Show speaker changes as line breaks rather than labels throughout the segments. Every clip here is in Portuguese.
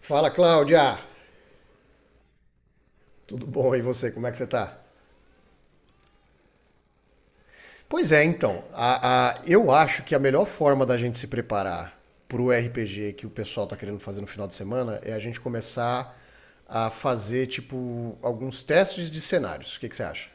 Fala, Cláudia! Tudo bom? E você, como é que você tá? Pois é, então, eu acho que a melhor forma da gente se preparar pro RPG que o pessoal tá querendo fazer no final de semana é a gente começar a fazer, tipo, alguns testes de cenários. O que, que você acha?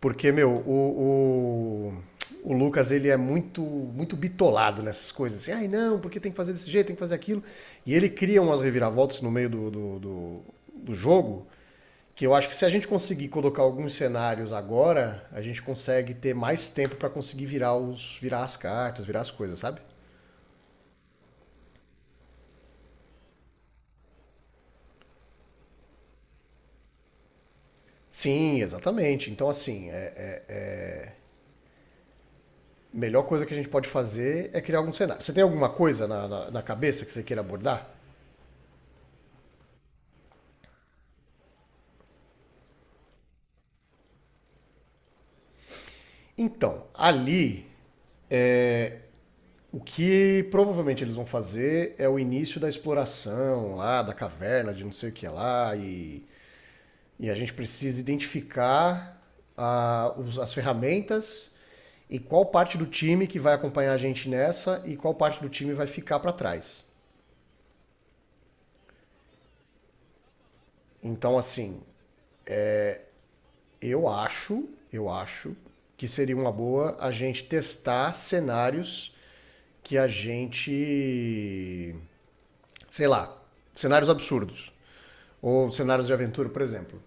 Porque, meu, o Lucas, ele é muito muito bitolado nessas coisas. Assim, ai não, porque tem que fazer desse jeito, tem que fazer aquilo. E ele cria umas reviravoltas no meio do jogo. Que eu acho que se a gente conseguir colocar alguns cenários agora, a gente consegue ter mais tempo para conseguir virar, os, virar as cartas, virar as coisas, sabe? Sim, exatamente. Então, assim, melhor coisa que a gente pode fazer é criar algum cenário. Você tem alguma coisa na cabeça que você queira abordar? Então, ali, o que provavelmente eles vão fazer é o início da exploração lá, da caverna, de não sei o que lá, e a gente precisa identificar a as ferramentas. E qual parte do time que vai acompanhar a gente nessa e qual parte do time vai ficar para trás? Então, assim, eu acho que seria uma boa a gente testar cenários que a gente, sei lá, cenários absurdos ou cenários de aventura, por exemplo.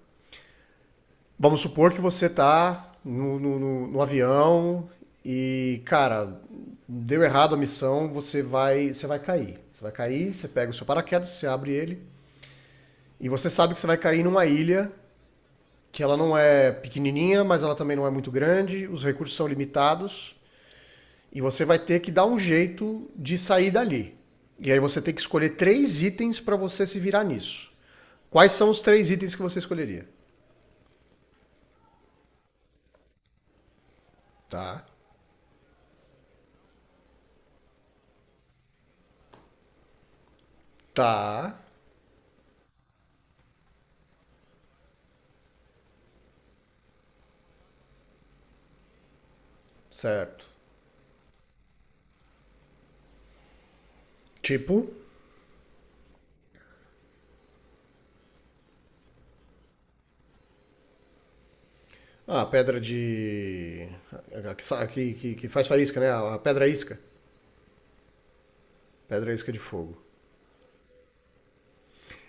Vamos supor que você tá no avião e, cara, deu errado a missão, você vai cair. Você vai cair, você pega o seu paraquedas, você abre ele. E você sabe que você vai cair numa ilha que ela não é pequenininha, mas ela também não é muito grande, os recursos são limitados e você vai ter que dar um jeito de sair dali. E aí você tem que escolher 3 itens para você se virar nisso. Quais são os 3 itens que você escolheria? Tá. Tá. Certo. Tipo, a pedra de. Que faz faísca, né? A pedra isca. Pedra isca de fogo.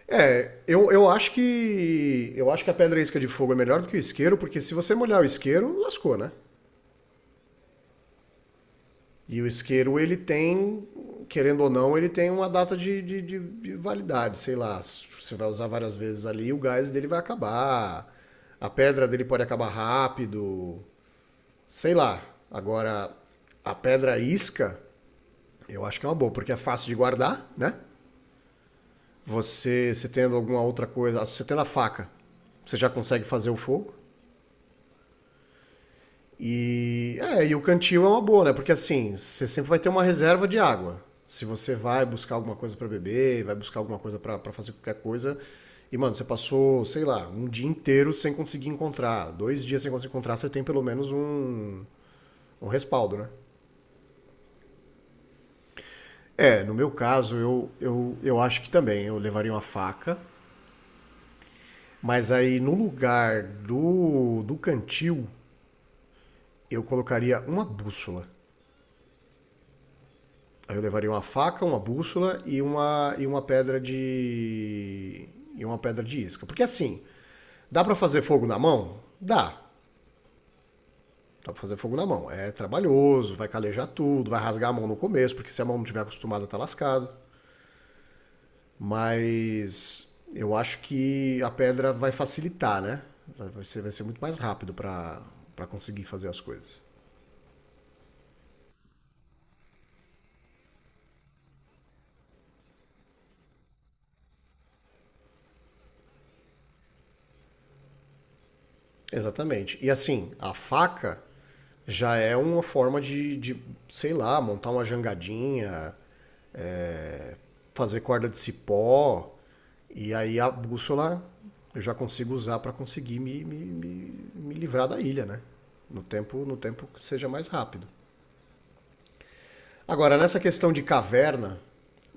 É, eu acho que. Eu acho que a pedra e a isca de fogo é melhor do que o isqueiro, porque se você molhar o isqueiro, lascou, né? E o isqueiro, ele tem, querendo ou não, ele tem uma data de validade, sei lá. Você vai usar várias vezes ali, o gás dele vai acabar. A pedra dele pode acabar rápido, sei lá. Agora, a pedra isca, eu acho que é uma boa, porque é fácil de guardar, né? Você, se tendo alguma outra coisa, você tendo a faca, você já consegue fazer o fogo. E, é, e o cantil é uma boa, né? Porque assim, você sempre vai ter uma reserva de água. Se você vai buscar alguma coisa para beber, vai buscar alguma coisa para fazer qualquer coisa, e, mano, você passou, sei lá, um dia inteiro sem conseguir encontrar, 2 dias sem conseguir encontrar, você tem pelo menos um respaldo, né? É, no meu caso, eu acho que também eu levaria uma faca, mas aí no lugar do cantil, eu colocaria uma bússola. Aí eu levaria uma faca, uma bússola e uma pedra de. E uma pedra de isca. Porque assim, dá para fazer fogo na mão? Dá. Dá para fazer fogo na mão. É trabalhoso, vai calejar tudo, vai rasgar a mão no começo, porque se a mão não estiver acostumada, tá lascado. Mas eu acho que a pedra vai facilitar, né? Vai ser muito mais rápido para conseguir fazer as coisas. Exatamente. E assim, a faca já é uma forma de, sei lá, montar uma jangadinha, fazer corda de cipó, e aí a bússola eu já consigo usar para conseguir me livrar da ilha, né? No tempo que seja mais rápido. Agora, nessa questão de caverna,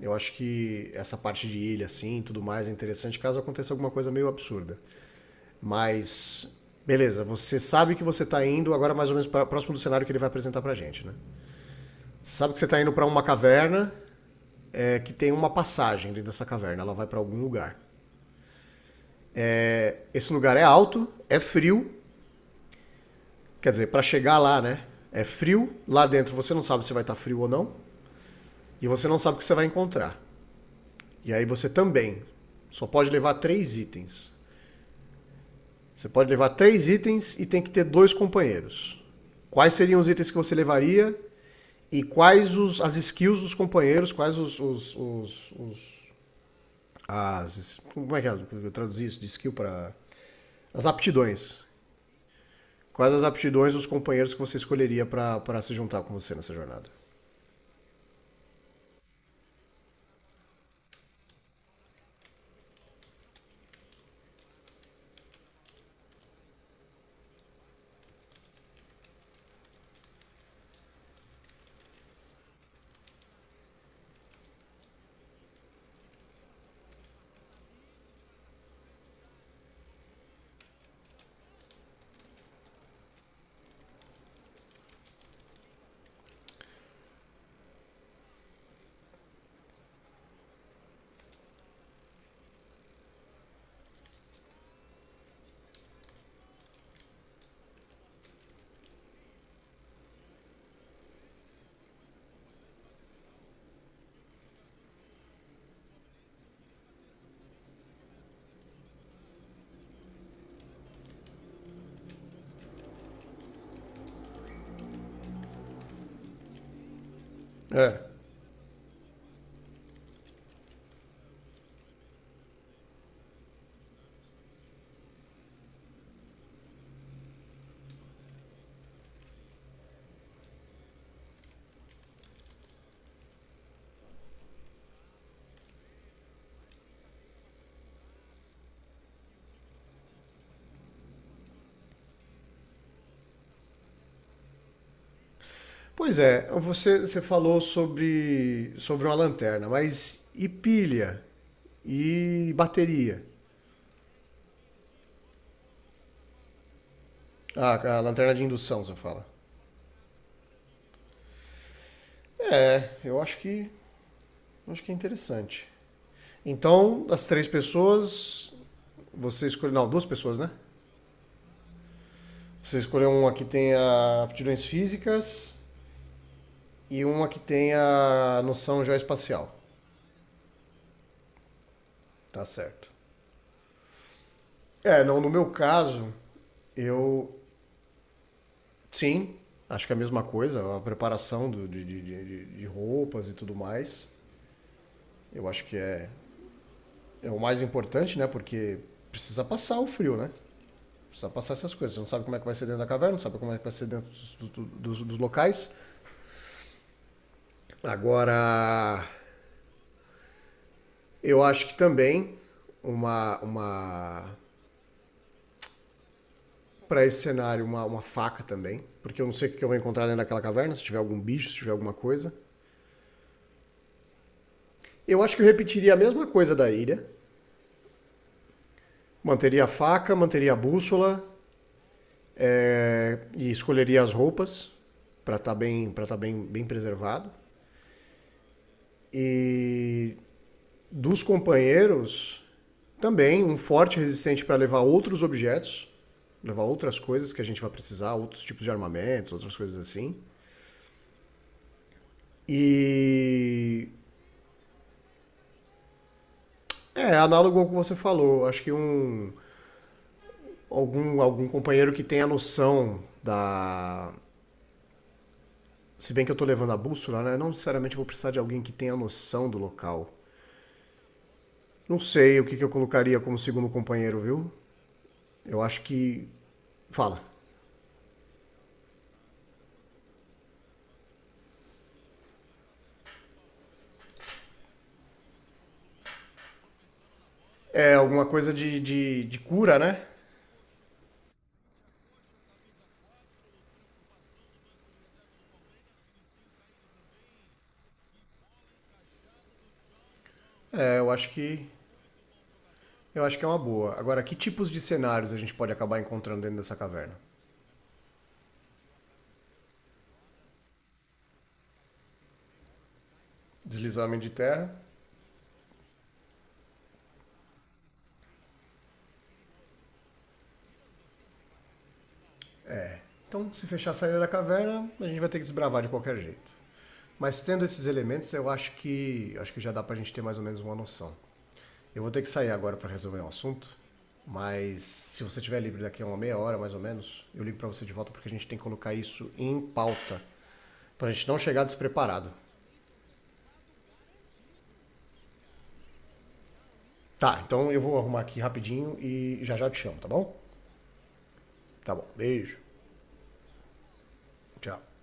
eu acho que essa parte de ilha, assim, tudo mais, é interessante caso aconteça alguma coisa meio absurda. Mas, beleza, você sabe que você está indo agora mais ou menos pra, próximo do cenário que ele vai apresentar pra gente, né? Você sabe que você está indo para uma caverna é, que tem uma passagem dentro dessa caverna, ela vai para algum lugar. Esse lugar é alto, é frio, quer dizer, para chegar lá, né? É frio, lá dentro você não sabe se vai estar tá frio ou não, e você não sabe o que você vai encontrar. E aí você também só pode levar 3 itens. Você pode levar três itens e tem que ter 2 companheiros. Quais seriam os itens que você levaria? E quais os, as skills dos companheiros, quais as, como é que é, eu traduzi isso de skill para as aptidões? Quais as aptidões dos companheiros que você escolheria para se juntar com você nessa jornada? É. Pois é, você falou sobre uma lanterna, mas e pilha? E bateria? Ah, a lanterna de indução, você fala. É, eu acho que é interessante. Então, as 3 pessoas, você escolheu. Não, 2 pessoas, né? Você escolheu uma que tenha aptidões físicas e uma que tenha noção geoespacial. Tá certo. É, não, no meu caso, eu sim, acho que é a mesma coisa, a preparação de roupas e tudo mais. Eu acho que é, é o mais importante, né? Porque precisa passar o frio, né? Precisa passar essas coisas. Você não sabe como é que vai ser dentro da caverna, não sabe como é que vai ser dentro dos locais. Agora, eu acho que também uma para esse cenário uma faca também, porque eu não sei o que eu vou encontrar dentro daquela caverna, se tiver algum bicho, se tiver alguma coisa. Eu acho que eu repetiria a mesma coisa da ilha. Manteria a faca, manteria a bússola é, e escolheria as roupas para estar tá bem, bem preservado. E dos companheiros, também um forte resistente para levar outros objetos, levar outras coisas que a gente vai precisar, outros tipos de armamentos, outras coisas assim. E. É, análogo ao que você falou. Acho que um algum companheiro que tenha noção da. Se bem que eu tô levando a bússola, né? Não necessariamente vou precisar de alguém que tenha noção do local. Não sei o que, que eu colocaria como segundo companheiro, viu? Eu acho que. Fala. É alguma coisa de cura, né? É, eu acho que. Eu acho que é uma boa. Agora, que tipos de cenários a gente pode acabar encontrando dentro dessa caverna? Deslizamento de terra. Então, se fechar a saída da caverna, a gente vai ter que desbravar de qualquer jeito. Mas tendo esses elementos, eu acho que já dá para a gente ter mais ou menos uma noção. Eu vou ter que sair agora para resolver um assunto, mas se você estiver livre daqui a uma meia hora, mais ou menos, eu ligo para você de volta porque a gente tem que colocar isso em pauta, para a gente não chegar despreparado. Tá, então eu vou arrumar aqui rapidinho e já já te chamo, tá bom? Tá bom. Beijo. Tchau.